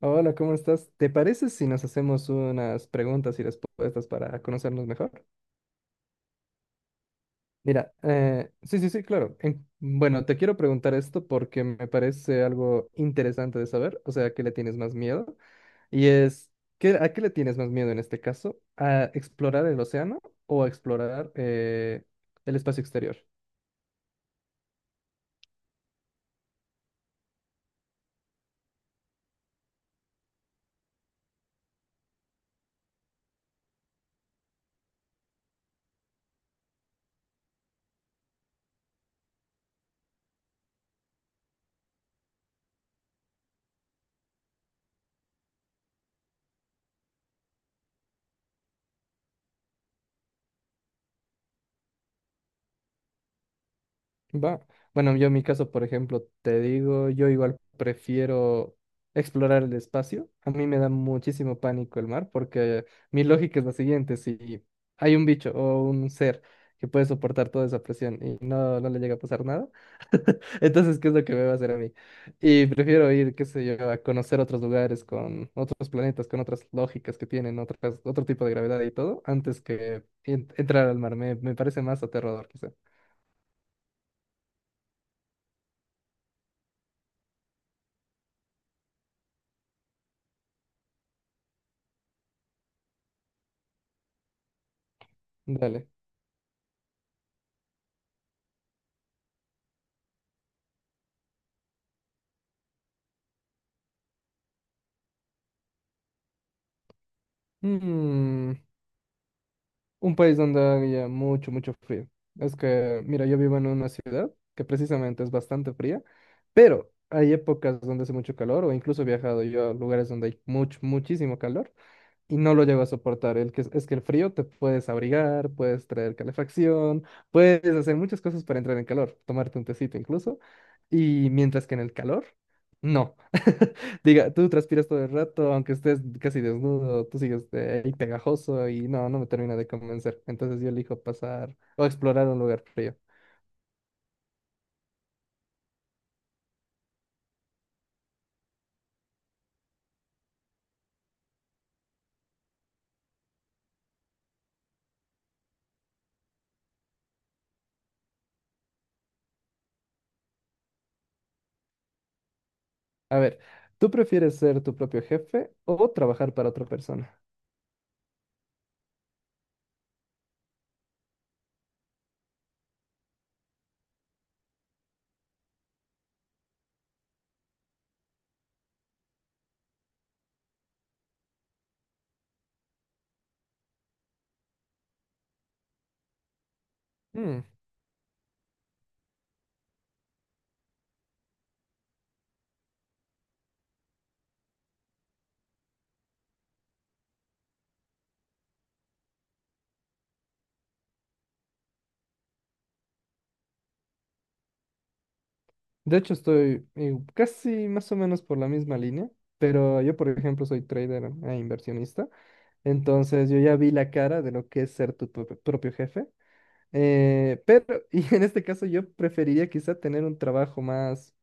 Hola, ¿cómo estás? ¿Te parece si nos hacemos unas preguntas y respuestas para conocernos mejor? Mira, sí, sí, sí, claro. Bueno, te quiero preguntar esto porque me parece algo interesante de saber, o sea, ¿a qué le tienes más miedo? Y es, ¿qué, a qué le tienes más miedo en este caso? ¿A explorar el océano o a explorar el espacio exterior? Va. Bueno, yo en mi caso, por ejemplo, te digo, yo igual prefiero explorar el espacio. A mí me da muchísimo pánico el mar porque mi lógica es la siguiente: si hay un bicho o un ser que puede soportar toda esa presión y no, no le llega a pasar nada, entonces, ¿qué es lo que me va a hacer a mí? Y prefiero ir, qué sé yo, a conocer otros lugares con otros planetas, con otras lógicas que tienen, otras, otro tipo de gravedad y todo, antes que entrar al mar. Me parece más aterrador, quizá. Dale. Mm, un país donde haya mucho, mucho frío. Es que, mira, yo vivo en una ciudad que precisamente es bastante fría, pero hay épocas donde hace mucho calor o incluso he viajado yo a lugares donde hay mucho, muchísimo calor. Y no lo llego a soportar. Es que el frío te puedes abrigar, puedes traer calefacción, puedes hacer muchas cosas para entrar en calor, tomarte un tecito incluso. Y mientras que en el calor, no. Diga, tú transpiras todo el rato, aunque estés casi desnudo, tú sigues ahí pegajoso y no, no me termina de convencer. Entonces yo elijo pasar o explorar un lugar frío. A ver, ¿tú prefieres ser tu propio jefe o trabajar para otra persona? De hecho, estoy casi más o menos por la misma línea, pero yo, por ejemplo, soy trader e inversionista, entonces yo ya vi la cara de lo que es ser tu propio jefe, pero, y en este caso yo preferiría quizá tener un trabajo más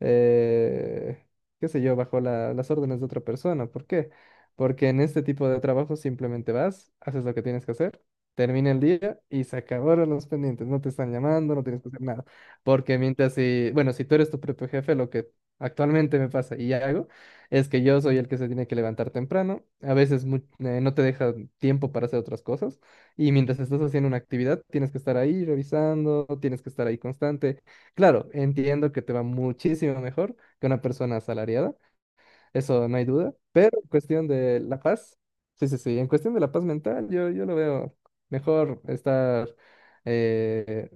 eh, qué sé yo, bajo la- las órdenes de otra persona. ¿Por qué? Porque en este tipo de trabajo simplemente vas, haces lo que tienes que hacer, termina el día y se acabaron los pendientes. No te están llamando, no tienes que hacer nada. Porque mientras si, bueno, si tú eres tu propio jefe, lo que actualmente me pasa y hago es que yo soy el que se tiene que levantar temprano. A veces no te deja tiempo para hacer otras cosas. Y mientras estás haciendo una actividad, tienes que estar ahí revisando, tienes que estar ahí constante. Claro, entiendo que te va muchísimo mejor que una persona asalariada, eso no hay duda, pero en cuestión de la paz, sí, sí, sí, en cuestión de la paz mental, yo lo veo mejor estar, eh,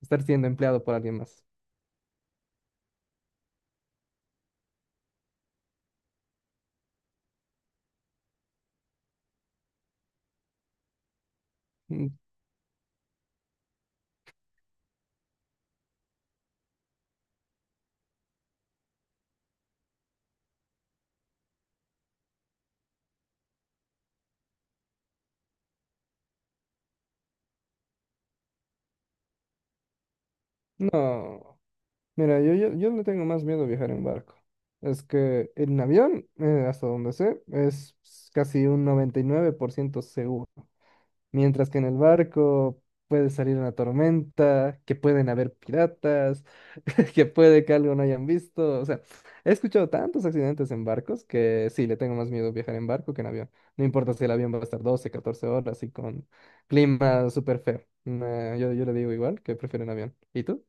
estar siendo empleado por alguien más. Mm, No, mira, yo le tengo más miedo a viajar en barco. Es que en avión, hasta donde sé, es casi un 99% seguro. Mientras que en el barco puede salir una tormenta, que pueden haber piratas, que puede que algo no hayan visto. O sea, he escuchado tantos accidentes en barcos que sí, le tengo más miedo viajar en barco que en avión. No importa si el avión va a estar 12 14 horas y con clima súper feo. No, yo le digo igual que prefiero en avión. ¿Y tú?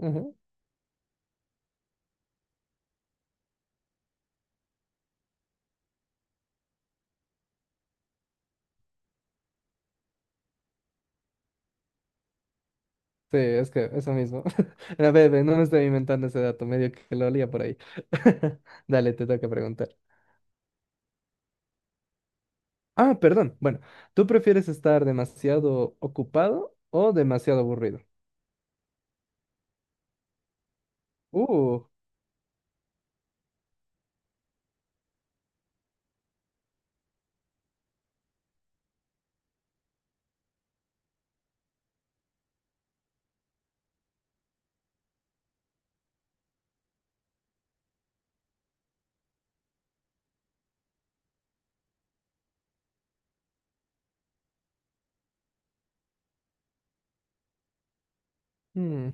Ajá. Sí, es que eso mismo. A ver, no me estoy inventando ese dato, medio que lo olía por ahí. Dale, te toca preguntar. Ah, perdón. Bueno, ¿tú prefieres estar demasiado ocupado o demasiado aburrido? Uh, mm,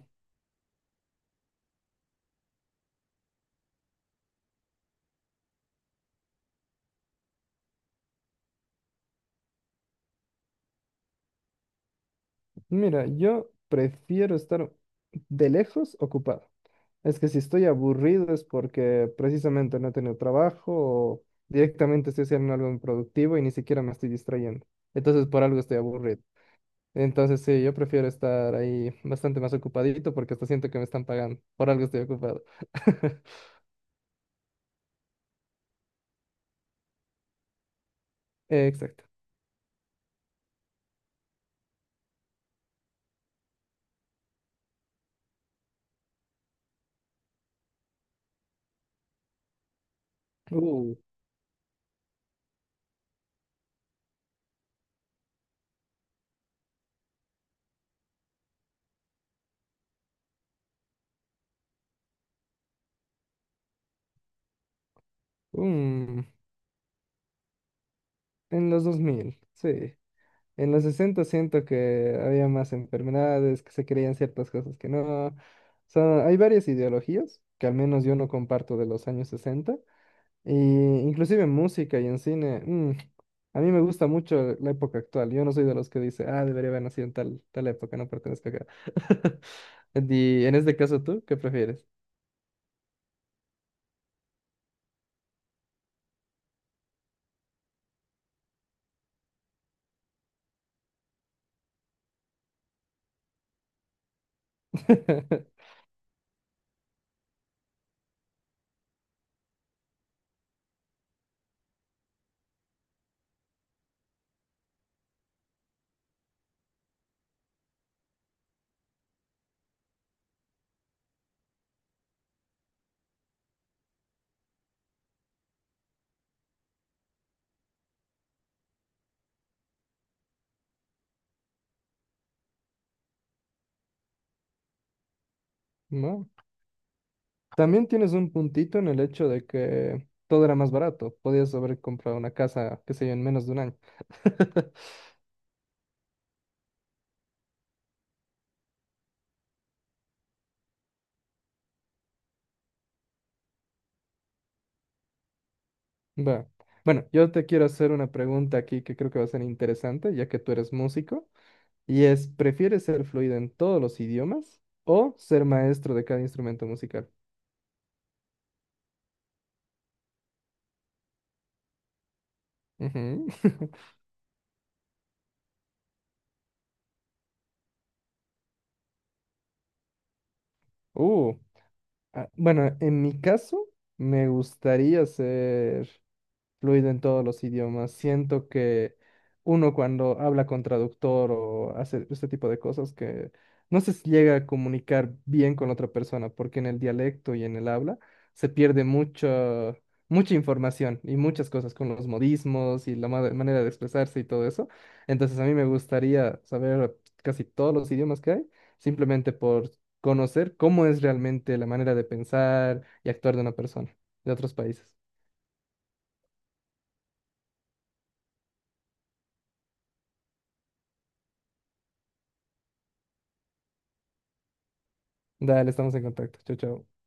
mira, yo prefiero estar de lejos ocupado. Es que si estoy aburrido es porque precisamente no he tenido trabajo o directamente estoy haciendo algo improductivo y ni siquiera me estoy distrayendo. Entonces por algo estoy aburrido. Entonces sí, yo prefiero estar ahí bastante más ocupadito porque hasta siento que me están pagando. Por algo estoy ocupado. Exacto. Uh, mm, En los 2000 sí. En los 60 siento que había más enfermedades, que se creían ciertas cosas que no. O sea, hay varias ideologías que al menos yo no comparto de los años 60. Y inclusive en música y en cine, a mí me gusta mucho la época actual. Yo no soy de los que dice, ah, debería haber nacido en tal, tal época, no pertenezco acá. Y en este caso, ¿tú qué prefieres? ¿No? También tienes un puntito en el hecho de que todo era más barato. Podías haber comprado una casa, qué sé yo, en menos de un año. Va. Bueno, yo te quiero hacer una pregunta aquí que creo que va a ser interesante, ya que tú eres músico, y es, ¿prefieres ser fluido en todos los idiomas o ser maestro de cada instrumento musical? Ujú. Uh, ah, bueno, en mi caso, me gustaría ser fluido en todos los idiomas. Siento que uno cuando habla con traductor o hace este tipo de cosas que no se llega a comunicar bien con la otra persona, porque en el dialecto y en el habla se pierde mucha información y muchas cosas con los modismos y la manera de expresarse y todo eso. Entonces a mí me gustaría saber casi todos los idiomas que hay, simplemente por conocer cómo es realmente la manera de pensar y actuar de una persona de otros países. Dale, estamos en contacto. Chao, chao.